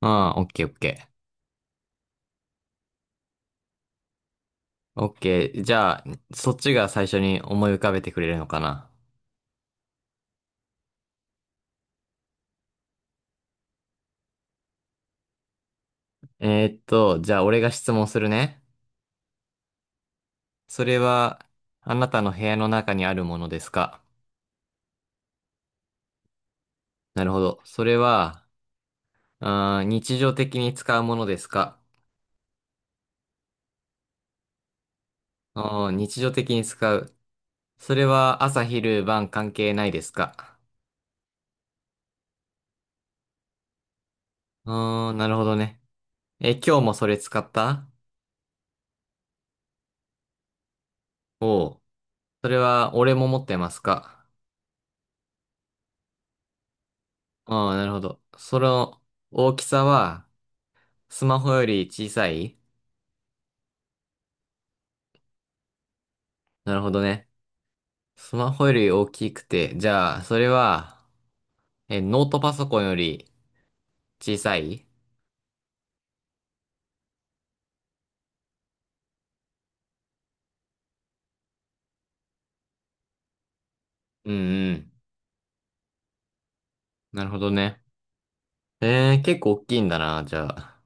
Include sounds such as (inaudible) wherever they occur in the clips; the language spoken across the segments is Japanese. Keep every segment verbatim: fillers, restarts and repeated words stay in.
ああ、オッケーオッケー。オッケー。じゃあ、そっちが最初に思い浮かべてくれるのかな。えーっと、じゃあ俺が質問するね。それは、あなたの部屋の中にあるものですか？なるほど。それは、あー日常的に使うものですか？あー日常的に使う。それは朝昼晩関係ないですか？あーなるほどね。え、今日もそれ使った？おう。それは俺も持ってますか？ああー、なるほど。その大きさは、スマホより小さい？なるほどね。スマホより大きくて、じゃあ、それは、え、ノートパソコンより小さい？うんうん。なるほどね。えー、結構大きいんだな、じゃあ。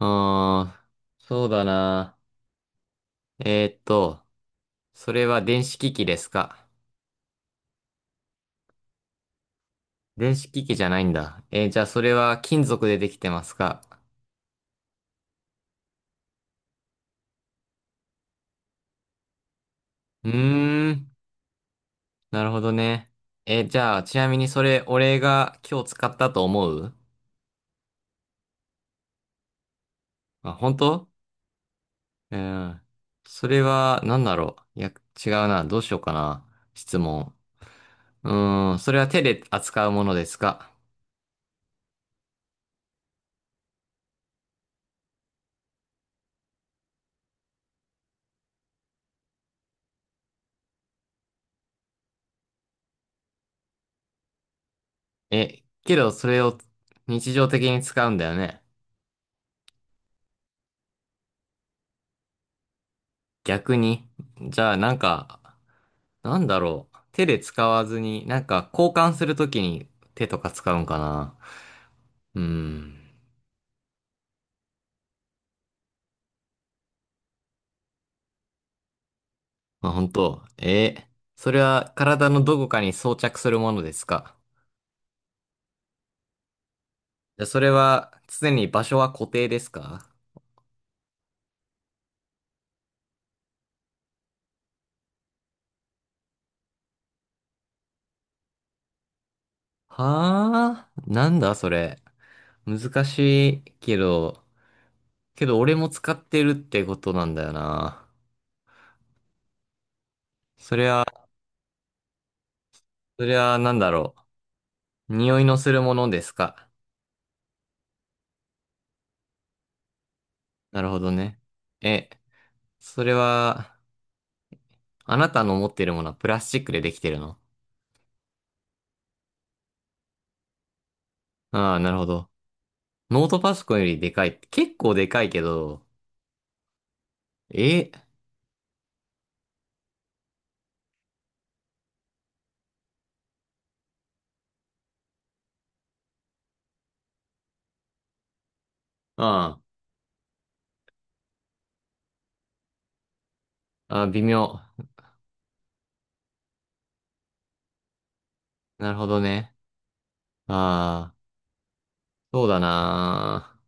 うーん、そうだな。えーっと、それは電子機器ですか？電子機器じゃないんだ。えーじゃあ、それは金属でできてますか？うーん、なるほどね。えーじゃあ、ちなみにそれ、俺が今日使ったと思う？あ、本当？うん。それは、なんだろう。いや、違うな。どうしようかな。質問。うーん。それは手で扱うものですか？え、けど、それを日常的に使うんだよね。逆に。じゃあ、なんか、なんだろう。手で使わずに、なんか、交換するときに手とか使うんかな。うーん。まあ、本当。え、それは体のどこかに装着するものですか？じゃあ、それは常に場所は固定ですか？はあ、なんだそれ。難しいけど、けど俺も使ってるってことなんだよな。それはそれはなんだろう。匂いのするものですか。なるほどね。え、それは、あなたの持ってるものはプラスチックでできてるの？ああ、なるほど。ノートパソコンよりでかい。結構でかいけど、え、ああ、ああ、微妙。なるほどね。ああ、そうだな。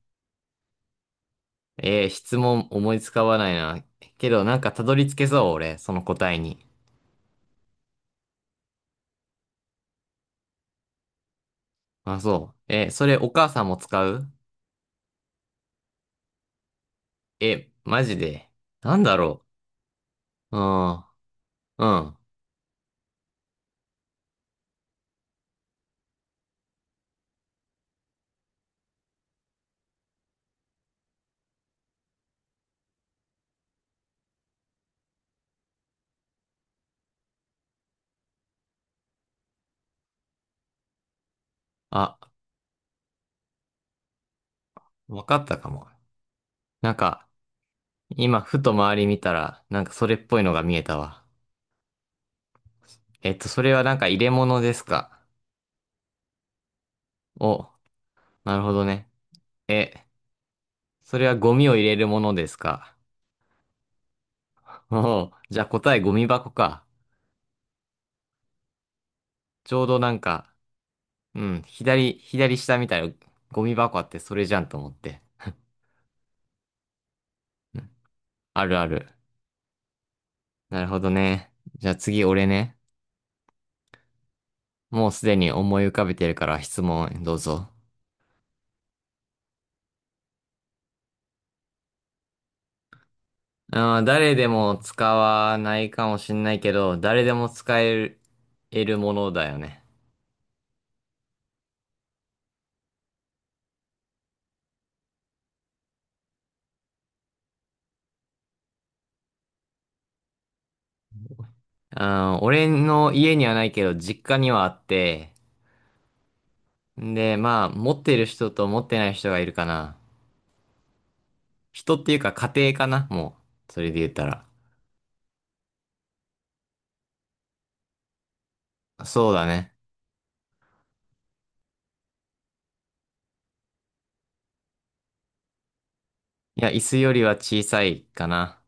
ええ、質問思いつかわないな。けど、なんかたどり着けそう、俺、その答えに。あ、そう。えー、それお母さんも使う？え、マジで。なんだろう。うん、うん。あ、わかったかも。なんか、今、ふと周り見たら、なんかそれっぽいのが見えたわ。えっと、それはなんか入れ物ですか？お、なるほどね。え、それはゴミを入れるものですか？おうじゃあ答えゴミ箱か。ちょうどなんか、うん、左、左下みたいなゴミ箱あってそれじゃんと思って。あるある。なるほどね。じゃあ次俺ね。もうすでに思い浮かべてるから質問どうぞ。あー、誰でも使わないかもしんないけど、誰でも使える、得るものだよね。あー、俺の家にはないけど、実家にはあって、んで、まあ、持ってる人と持ってない人がいるかな。人っていうか家庭かな、もう。それで言ったら。そうだね。いや、椅子よりは小さいかな。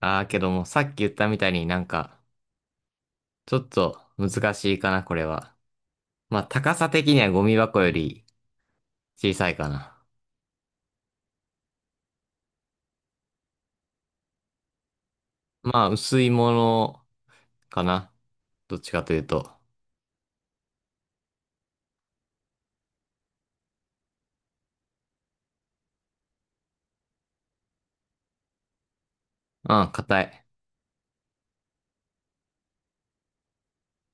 ああ、けども、さっき言ったみたいになんか、ちょっと難しいかな、これは。まあ、高さ的にはゴミ箱より小さいかな。まあ、薄いものかな。どっちかというと。うん、硬い。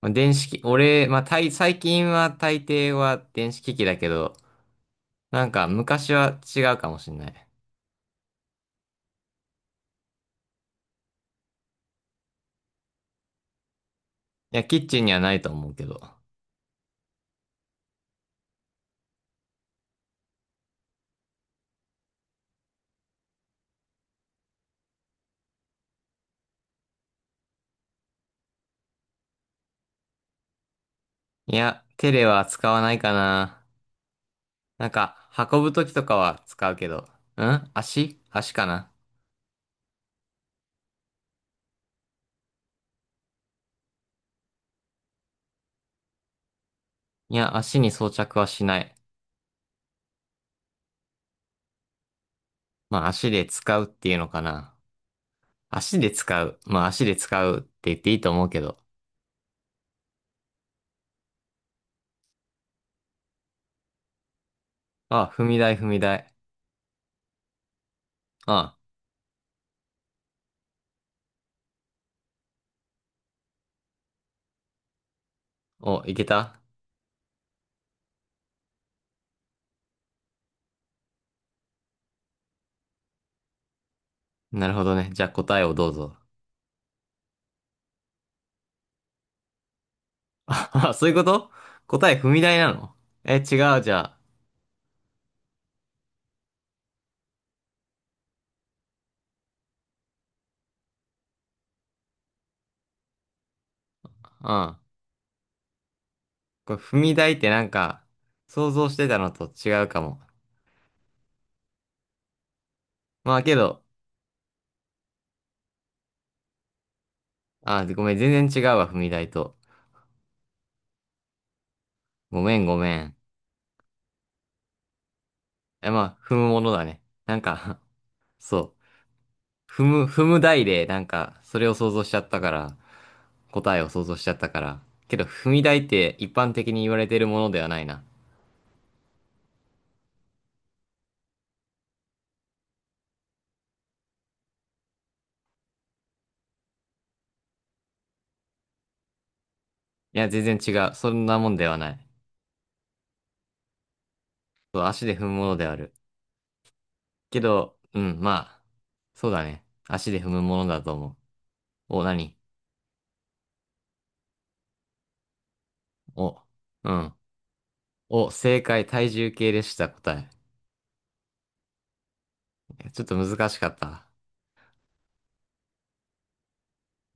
まあ、電子機、俺、まあ、大最近は大抵は電子機器だけど、なんか昔は違うかもしんない。いや、キッチンにはないと思うけど。いや、テレは使わないかな。なんか、運ぶときとかは使うけど。うん足足かな。いや、足に装着はしない。まあ、足で使うっていうのかな。足で使う。まあ、足で使うって言っていいと思うけど。あ、踏み台、踏み台。あ、お、いけた？なるほどね。じゃあ答えをどうぞ。(laughs) あ、あそういうこと？答え踏み台なの？え、違う、じゃあ。うん。これ踏み台ってなんか、想像してたのと違うかも。まあ、けど、あ、ごめん、全然違うわ、踏み台と。ごめん、ごめん。え、まあ、踏むものだね。なんか (laughs) そう。踏む、踏む台で、なんか、それを想像しちゃったから、答えを想像しちゃったから。けど、踏み台って一般的に言われてるものではないな。いや、全然違う。そんなもんではない。そう、足で踏むものである。けど、うん、まあ、そうだね。足で踏むものだと思う。お、何？お、うん。お、正解、体重計でした、答え。ちょっと難しかった。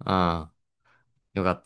うん、よかった。